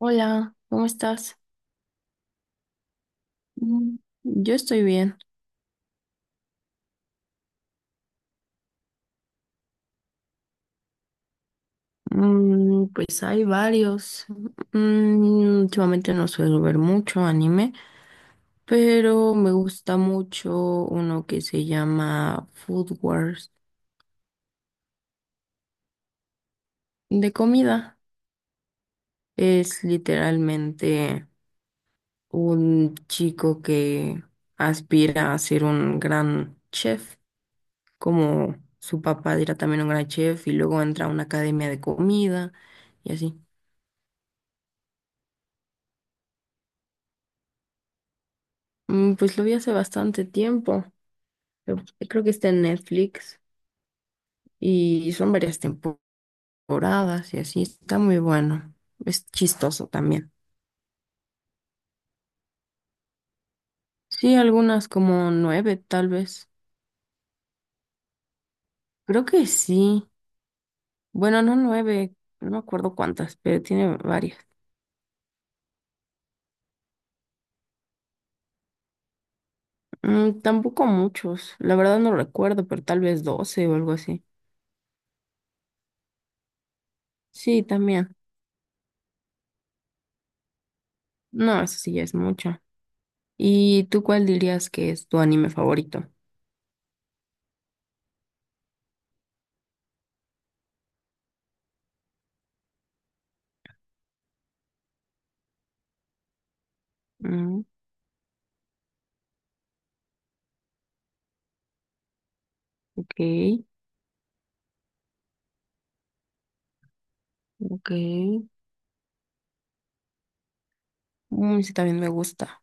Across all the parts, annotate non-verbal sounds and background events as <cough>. Hola, ¿cómo estás? Mm. Yo estoy bien. Pues hay varios. Últimamente no suelo ver mucho anime, pero me gusta mucho uno que se llama Food Wars de comida. Es literalmente un chico que aspira a ser un gran chef, como su papá era también un gran chef, y luego entra a una academia de comida y así. Pues lo vi hace bastante tiempo. Pero creo que está en Netflix y son varias temporadas y así. Está muy bueno. Es chistoso también. Sí, algunas como nueve, tal vez. Creo que sí. Bueno, no nueve, no me acuerdo cuántas, pero tiene varias. Tampoco muchos. La verdad no recuerdo, pero tal vez doce o algo así. Sí, también. No, eso sí ya es mucho. ¿Y tú cuál dirías que es tu anime favorito? Mm, ok, ok. Sí, también me gusta.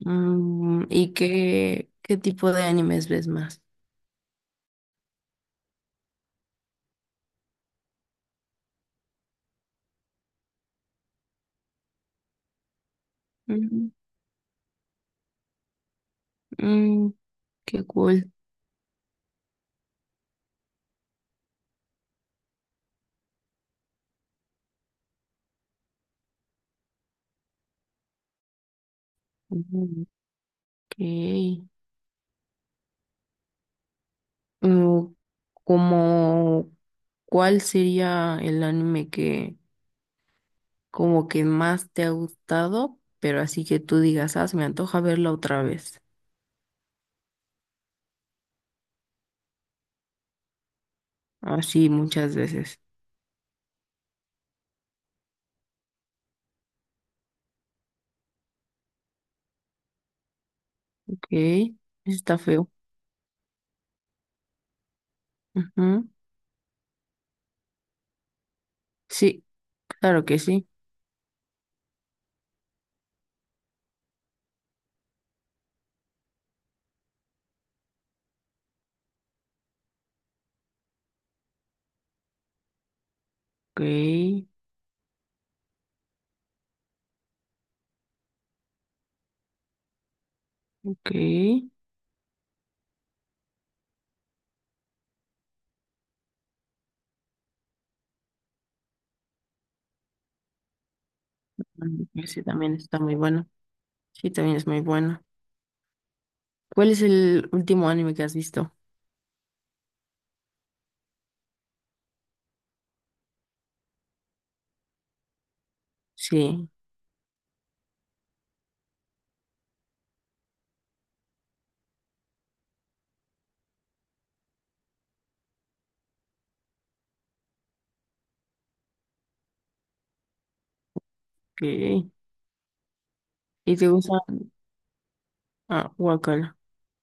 ¿Y qué tipo de animes ves más? Mm, mm, Qué cool. Mm. Ok. Mm, Como, ¿cuál sería el anime que como que más te ha gustado, pero así que tú digas, ah, se me antoja verlo otra vez? Así muchas veces. Ok, está feo. Ujú. Sí, claro que sí. Ok, ok. Ese también está muy bueno. Sí, también es muy bueno. ¿Cuál es el último anime que has visto? Sí, ok. ¿Y te gustan? Ah, guacala.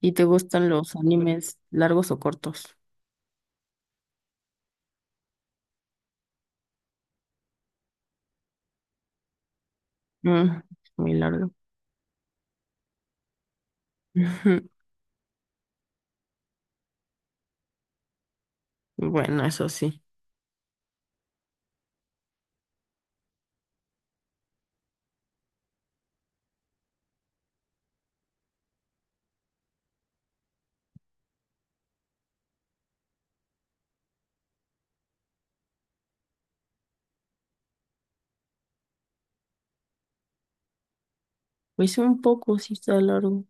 ¿Y te gustan los animes largos o cortos? Mm, Muy largo. <laughs> Ujú. Bueno, eso sí. Pues un poco, sí está largo.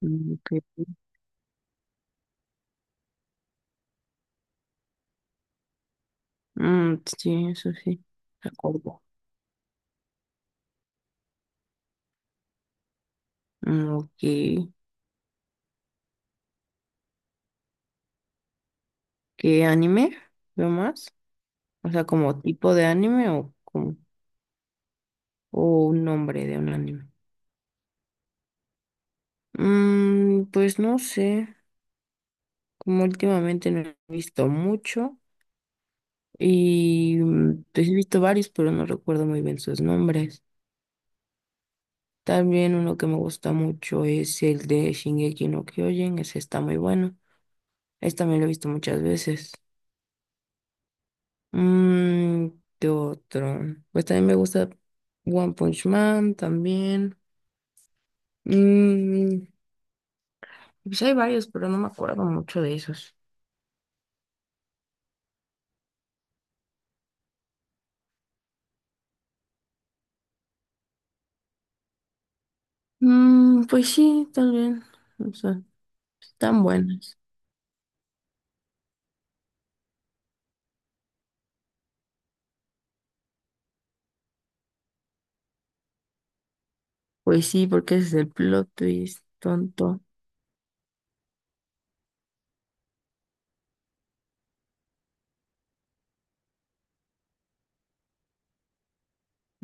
Mm, ok. Mm, sí, eso sí. De acuerdo. Mm, ok. ¿Qué anime? ¿Lo más? O sea, como tipo de anime o, o un nombre de un anime. Mm, pues no sé. Como últimamente no he visto mucho y pues he visto varios, pero no recuerdo muy bien sus nombres. También uno que me gusta mucho es el de Shingeki no Kyojin, ese está muy bueno. Ese también lo he visto muchas veces. Mm, ¿qué otro? Pues también me gusta One Punch Man también. Mm, pues hay varios, pero no me acuerdo mucho de esos. Mm, pues sí, también. O sea, están buenos. Pues sí, porque ese es el plot twist, tonto.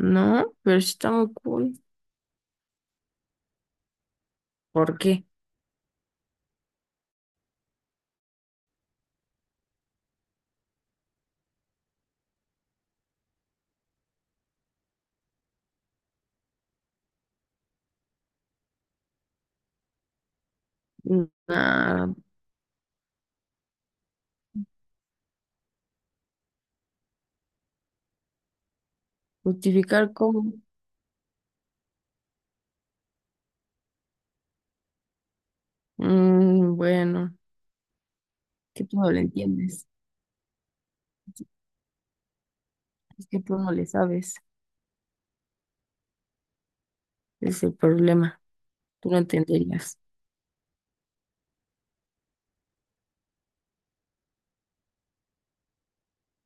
No, pero sí está muy cool. ¿Por qué? Nada, justificar cómo. Mm, bueno, que tú no lo entiendes. Es que tú no le sabes. Ese es el problema. Tú no entenderías.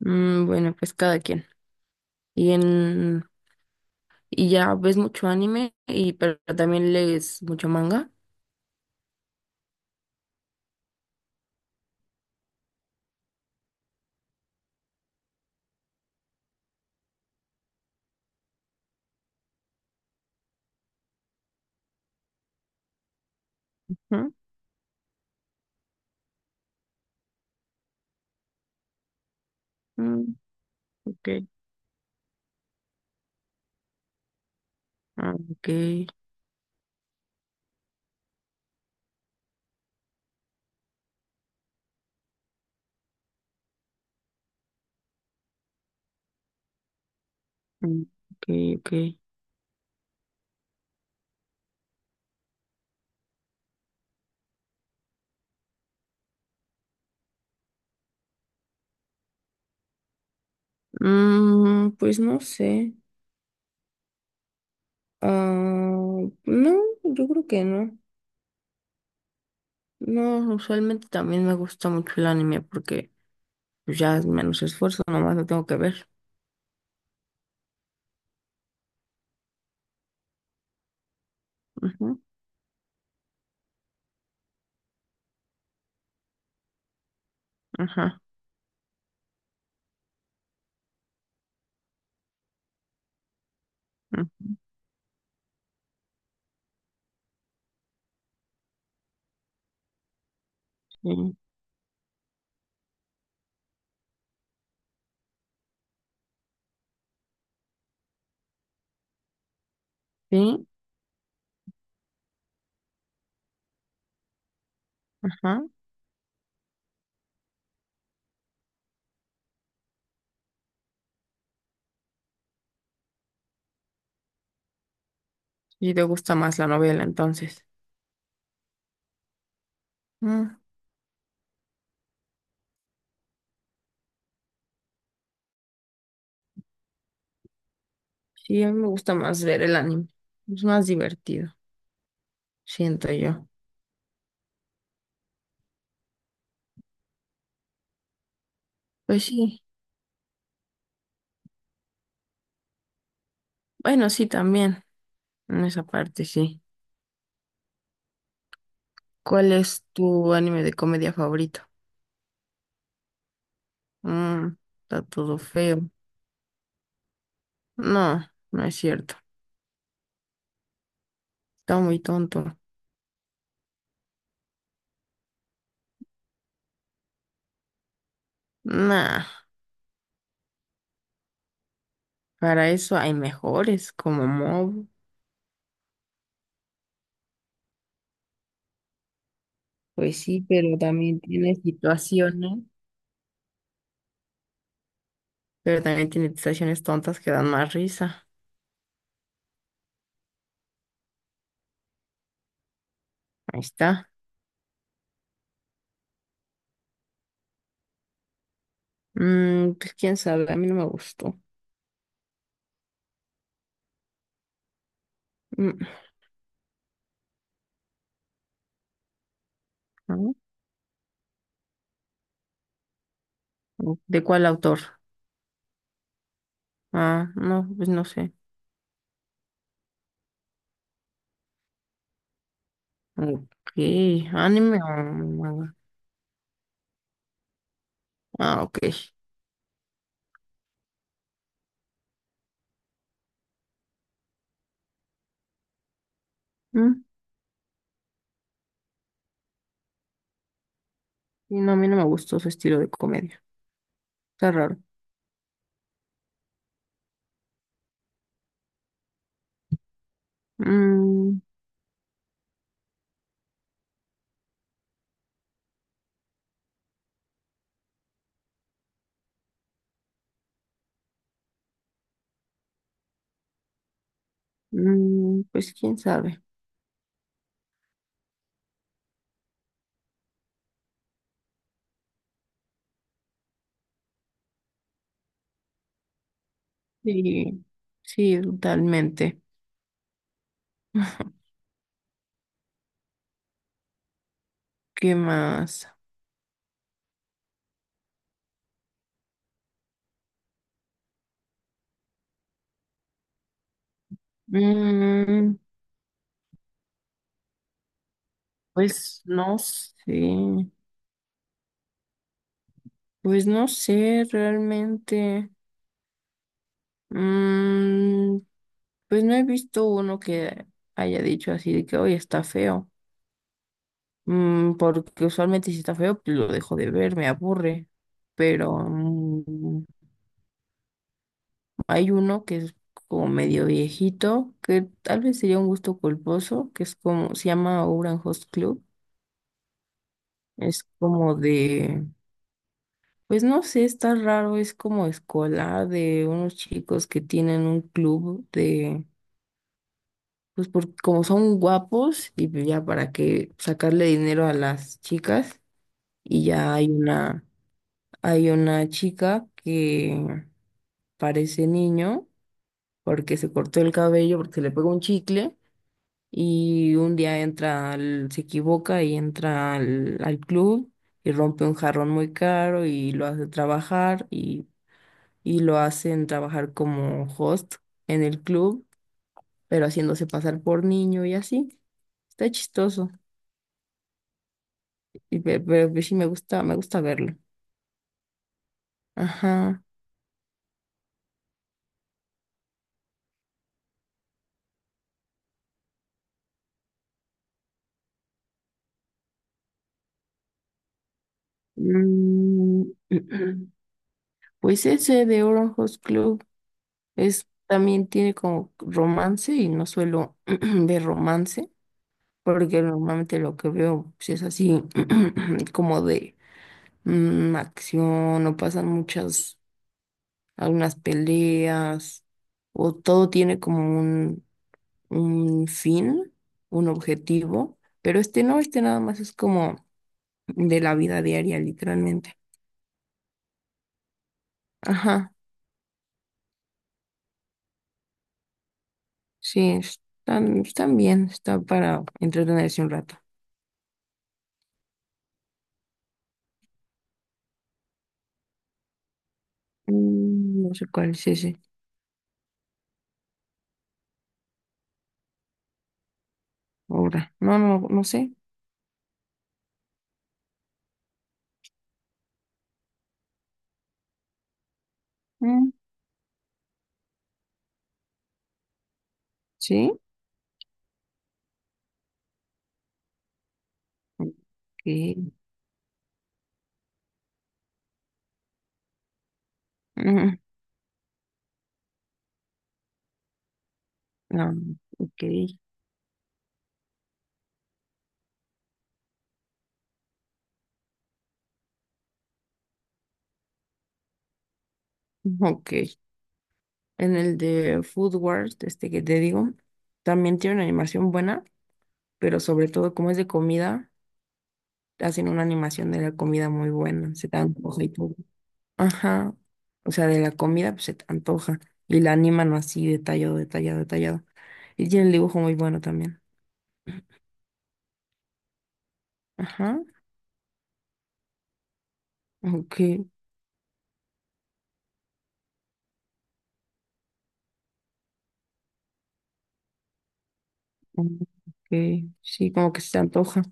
Mm, bueno, pues cada quien. Y en y ya ves mucho anime pero también lees mucho manga. ¿No? Mm, ok. Ah, ok. Mm, ok, ok. Mm, pues no sé. Ah, no, yo creo que no. No, usualmente también me gusta mucho el anime porque pues, ya es menos esfuerzo, nomás lo tengo que ver. Ujú, ajá. Mm, sí, sí, ajá. Y te gusta más la novela, entonces. Mm, sí, a mí me gusta más ver el anime. Es más divertido, siento yo. Pues sí, bueno, sí, también. En esa parte, sí. ¿Cuál es tu anime de comedia favorito? Mm, está todo feo. No, no es cierto. Está muy tonto. Nah, para eso hay mejores como Mob. Pues sí, pero también tiene situaciones, pero también tiene situaciones tontas que dan más risa. Ahí está. Mm, pues quién sabe, a mí no me gustó. Mm, ah, ¿de cuál autor? Ah, no, pues no sé. Ok, anime o manga. Ah, ok. Mm, y no, a mí no me gustó su estilo de comedia. Está raro. Mm, pues quién sabe. Sí, sí, totalmente. <laughs> ¿Qué más? Mm, pues no sé. Pues no sé realmente. Mm, pues no he visto uno que haya dicho así de que hoy está feo. Mm, porque usualmente si está feo, pues lo dejo de ver, me aburre. Pero hay uno que es como medio viejito, que tal vez sería un gusto culposo, que es como, se llama Orange Host Club. Es como de Pues no sé, está raro, es como escolar de unos chicos que tienen un club de, pues por, como son guapos y pues ya para que sacarle dinero a las chicas y ya hay una, chica que parece niño porque se cortó el cabello, porque se le pegó un chicle y un día entra, se equivoca y entra al club y rompe un jarrón muy caro y lo hace trabajar y lo hacen trabajar como host en el club, pero haciéndose pasar por niño y así. Está chistoso. Y pero, pues sí me gusta verlo. Ajá. Mm, <clears throat> pues ese de Orange Host Club es también tiene como romance y no suelo <clears throat> ver romance, porque normalmente lo que veo pues, es así <clears throat> como de acción, no pasan muchas algunas peleas, o todo tiene como un fin, un objetivo, pero este no, este nada más es como de la vida diaria, literalmente. Ajá, sí, están bien, está para entretenerse un rato. No sé cuál es ese ahora. No, no, no sé. Mm, ¿sí? Ok. Mm, ah, ok, <laughs> ok. En el de Food Wars, este que te digo, también tiene una animación buena pero sobre todo como es de comida, hacen una animación de la comida muy buena, se te antoja y todo. Ajá, o sea, de la comida pues se te antoja y la animan así detallado, detallado, detallado. Y tiene el dibujo muy bueno también. Ajá, ok, ok, sí, como que se te antoja.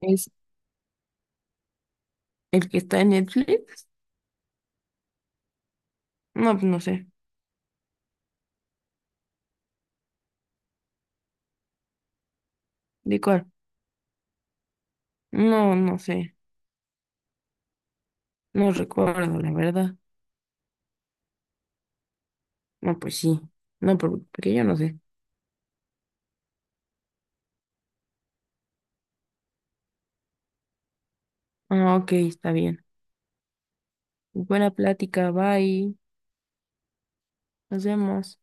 ¿Es el que está en Netflix? No, pues no sé, ¿de cuál? No, no sé, no recuerdo, la verdad. No, pues sí, no, porque yo no sé. Ah, ok, está bien. Buena plática, bye. Nos vemos.